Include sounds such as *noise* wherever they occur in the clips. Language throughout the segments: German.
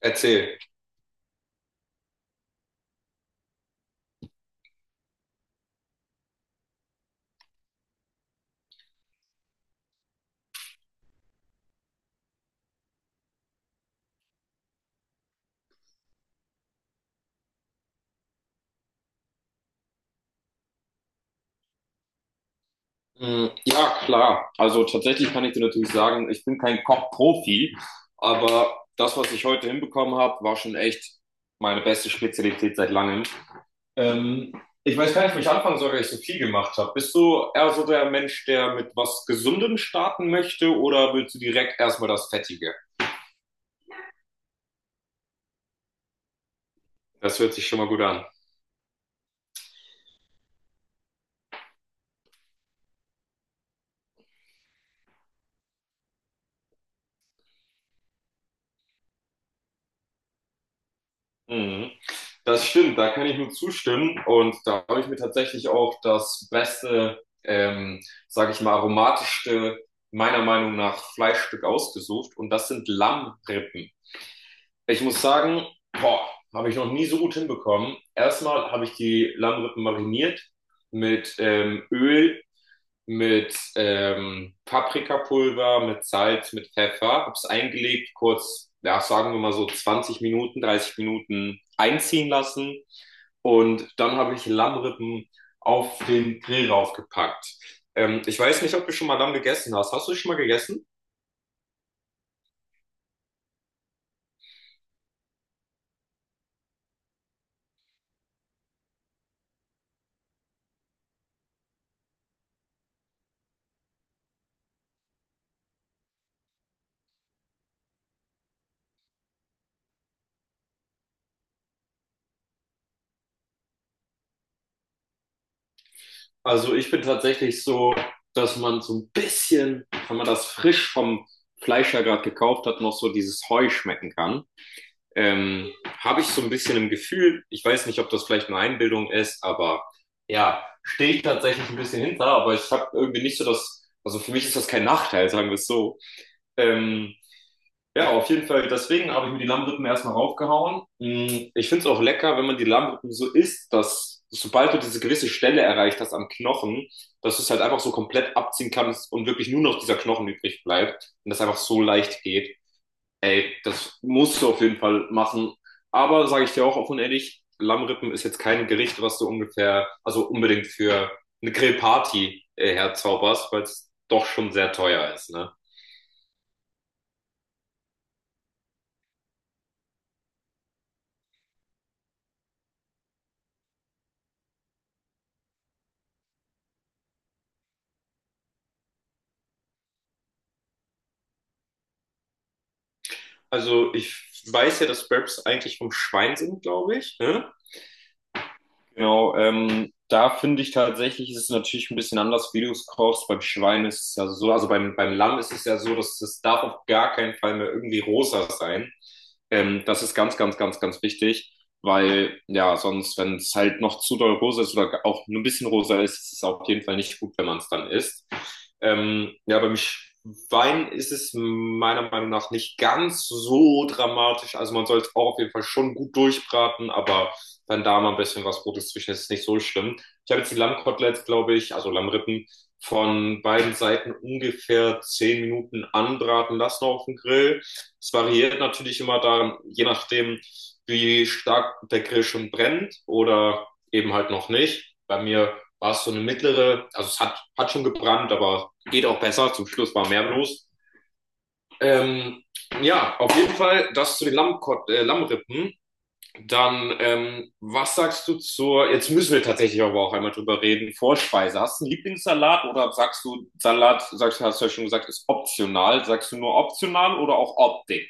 Erzähl. Ja, klar. Also tatsächlich kann ich dir natürlich sagen, ich bin kein Kochprofi, aber das, was ich heute hinbekommen habe, war schon echt meine beste Spezialität seit langem. Ähm, Ich weiß gar nicht, wo ich anfangen soll, weil ich so viel gemacht habe. Bist du eher so der Mensch, der mit was Gesundem starten möchte, oder willst du direkt erstmal das Fettige? Das hört sich schon mal gut an. Mhm. Das stimmt, da kann ich nur zustimmen. Und da habe ich mir tatsächlich auch das beste, sage ich mal, aromatischste, meiner Meinung nach, Fleischstück ausgesucht. Und das sind Lammrippen. Ich muss sagen, boah, habe ich noch nie so gut hinbekommen. Erstmal habe ich die Lammrippen mariniert mit Öl, mit Paprikapulver, mit Salz, mit Pfeffer, hab's eingelegt, kurz, ja, sagen wir mal so 20 Minuten, 30 Minuten einziehen lassen, und dann habe ich Lammrippen auf den Grill raufgepackt. Ich weiß nicht, ob du schon mal Lamm gegessen hast. Hast du schon mal gegessen? Also ich bin tatsächlich so, dass man so ein bisschen, wenn man das frisch vom Fleischer gerade gekauft hat, noch so dieses Heu schmecken kann. ähm, Habe ich so ein bisschen im Gefühl, ich weiß nicht, ob das vielleicht nur Einbildung ist, aber ja, stehe ich tatsächlich ein bisschen hinter, aber ich habe irgendwie nicht so das, also für mich ist das kein Nachteil, sagen wir es so. Ähm, ja, auf jeden Fall, deswegen habe ich mir die Lammrippen erstmal raufgehauen. Ich finde es auch lecker, wenn man die Lammrippen so isst, dass, sobald du diese gewisse Stelle erreicht hast am Knochen, dass du es halt einfach so komplett abziehen kannst und wirklich nur noch dieser Knochen übrig bleibt und das einfach so leicht geht. Ey, das musst du auf jeden Fall machen. Aber sage ich dir auch offen und ehrlich, Lammrippen ist jetzt kein Gericht, was du ungefähr, also unbedingt für eine Grillparty herzauberst, weil es doch schon sehr teuer ist, ne? Also ich weiß ja, dass Wraps eigentlich vom Schwein sind, glaube ich. Ne? Genau, da finde ich tatsächlich, ist es natürlich ein bisschen anders, wie du es kochst. Beim Schwein ist es ja so, also beim Lamm ist es ja so, dass es darf auf gar keinen Fall mehr irgendwie rosa sein. Das ist ganz, ganz, ganz, ganz wichtig, weil ja, sonst, wenn es halt noch zu doll rosa ist oder auch nur ein bisschen rosa ist, ist es auf jeden Fall nicht gut, wenn man es dann isst. Ja, beim Schwein ist es meiner Meinung nach nicht ganz so dramatisch. Also man soll es auch auf jeden Fall schon gut durchbraten, aber dann da mal ein bisschen was Rotes zwischen, das ist nicht so schlimm. Ich habe jetzt die Lammkoteletts, glaube ich, also Lammrippen, von beiden Seiten ungefähr 10 Minuten anbraten lassen auf dem Grill. Es variiert natürlich immer da, je nachdem, wie stark der Grill schon brennt oder eben halt noch nicht. Bei mir war es so eine mittlere, also es hat schon gebrannt, aber geht auch besser. Zum Schluss war mehr los. Ähm, ja, auf jeden Fall das zu den Lammkot Lammrippen. Dann, was sagst du zur, jetzt müssen wir tatsächlich aber auch einmal drüber reden, Vorspeise. Hast du einen Lieblingssalat oder sagst du, Salat, sagst du, hast du ja schon gesagt, ist optional. Sagst du nur optional oder auch Optik?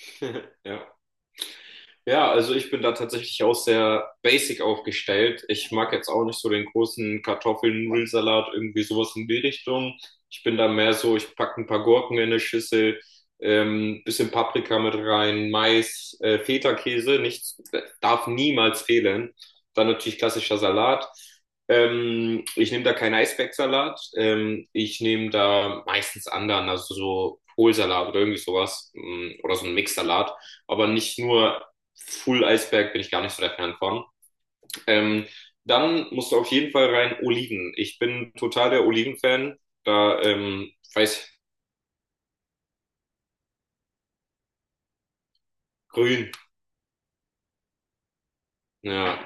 *laughs* Ja. Ja, also ich bin da tatsächlich auch sehr basic aufgestellt. Ich mag jetzt auch nicht so den großen Kartoffelnudelsalat, irgendwie sowas in die Richtung. Ich bin da mehr so, ich packe ein paar Gurken in eine Schüssel, bisschen Paprika mit rein, Mais, Feta-Käse, nichts, darf niemals fehlen. Dann natürlich klassischer Salat. Ich nehme da keinen Eisbergsalat. Ich nehme da meistens anderen, also so Kohlsalat oder irgendwie sowas, oder so ein Mixsalat, aber nicht nur Full Eisberg bin ich gar nicht so der Fan von. Ähm, Dann musst du auf jeden Fall rein Oliven. Ich bin total der Oliven-Fan. Da, weiß, grün. Ja,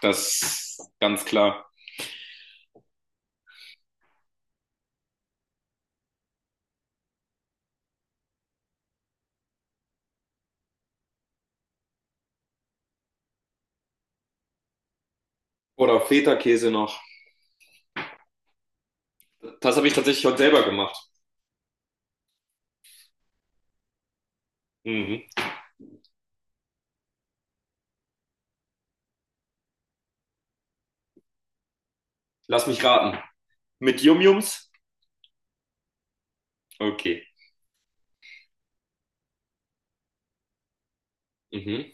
das ganz klar. Oder Feta-Käse noch. Das habe ich tatsächlich heute selber gemacht. Mhm. Lass mich raten. Mit Yum-Yums? Okay. Mhm.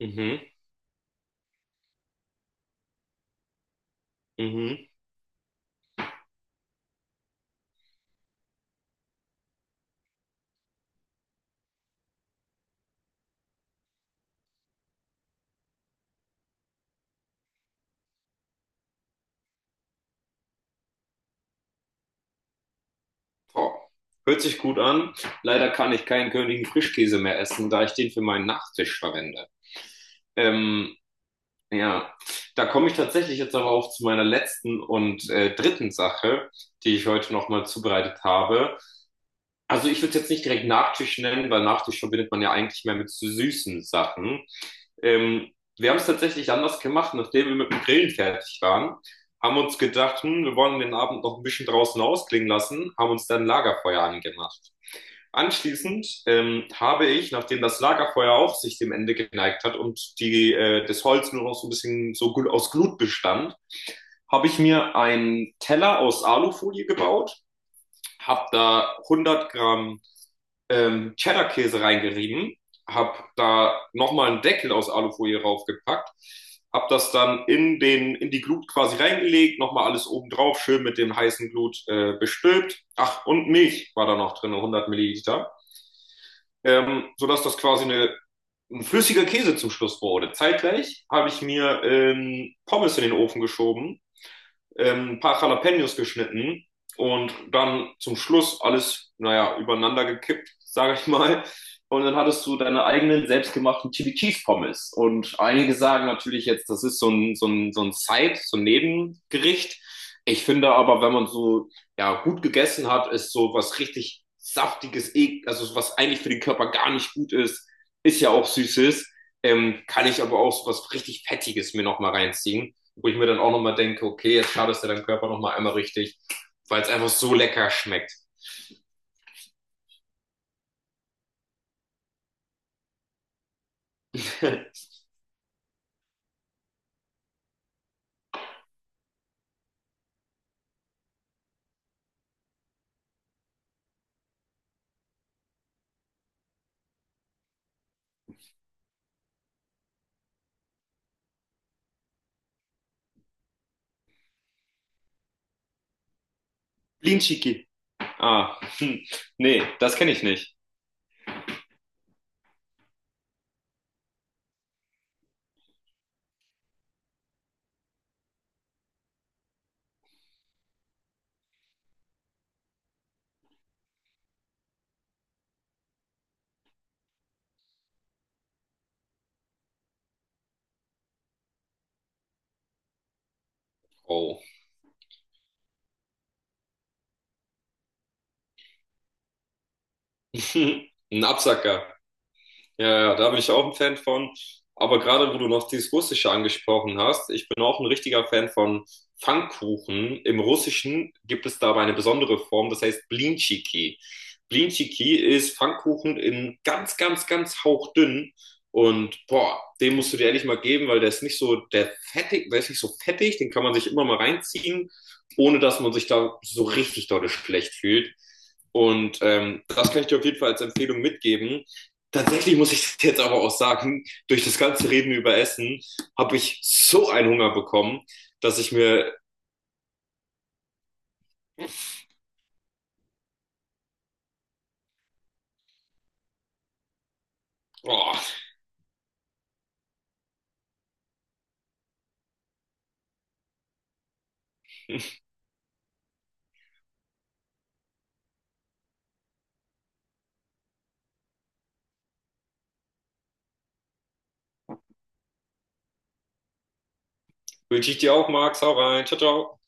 Mhm. Mhm. Boah. Hört sich gut an. Leider kann ich keinen Königin Frischkäse mehr essen, da ich den für meinen Nachtisch verwende. Ähm, Ja, da komme ich tatsächlich jetzt aber auch zu meiner letzten und dritten Sache, die ich heute nochmal zubereitet habe. Also ich würde es jetzt nicht direkt Nachtisch nennen, weil Nachtisch verbindet man ja eigentlich mehr mit so süßen Sachen. Ähm, Wir haben es tatsächlich anders gemacht, nachdem wir mit dem Grillen fertig waren, haben uns gedacht, hm, wir wollen den Abend noch ein bisschen draußen ausklingen lassen, haben uns dann ein Lagerfeuer angemacht. Anschließend habe ich, nachdem das Lagerfeuer auch sich dem Ende geneigt hat und das Holz nur noch so ein bisschen so gut aus Glut bestand, habe ich mir einen Teller aus Alufolie gebaut, habe da 100 Gramm Cheddar-Käse reingerieben, habe da nochmal einen Deckel aus Alufolie draufgepackt, habe das dann in die Glut quasi reingelegt, nochmal alles oben drauf, schön mit dem heißen Glut bestülpt. Ach, und Milch war da noch drin, 100 Milliliter, sodass das quasi ein flüssiger Käse zum Schluss wurde. Zeitgleich habe ich mir Pommes in den Ofen geschoben, ein paar Jalapenos geschnitten und dann zum Schluss alles, naja, übereinander gekippt, *laughs* sage ich mal. Und dann hattest du deine eigenen selbstgemachten Chili Cheese Pommes. Und einige sagen natürlich jetzt, das ist so ein, so ein, so ein Side, so ein Nebengericht. Ich finde aber, wenn man so, ja, gut gegessen hat, ist so was richtig saftiges, also so was eigentlich für den Körper gar nicht gut ist, ist ja auch Süßes. Kann ich aber auch so was richtig Fettiges mir nochmal reinziehen, wo ich mir dann auch nochmal denke, okay, jetzt schadest du deinem Körper nochmal einmal richtig, weil es einfach so lecker schmeckt. *laughs* Blinchiki. Ah, hm. Nee, das kenne ich nicht. Oh, *laughs* ein Absacker. Ja, ja, da bin ich auch ein Fan von. Aber gerade wo du noch dieses Russische angesprochen hast, ich bin auch ein richtiger Fan von Pfannkuchen. Im Russischen gibt es dabei eine besondere Form, das heißt Blinchiki. Blinchiki ist Pfannkuchen in ganz, ganz, ganz hauchdünn. Und boah, den musst du dir ehrlich mal geben, weil der ist nicht so der fettig, der ist nicht so fettig, den kann man sich immer mal reinziehen, ohne dass man sich da so richtig dolle schlecht fühlt. Und das kann ich dir auf jeden Fall als Empfehlung mitgeben. Tatsächlich muss ich *laughs* jetzt aber auch sagen, durch das ganze Reden über Essen habe ich so einen Hunger bekommen, dass ich mir, oh, *laughs* wünsche ich dir auch, Max, hau rein, ciao, ciao.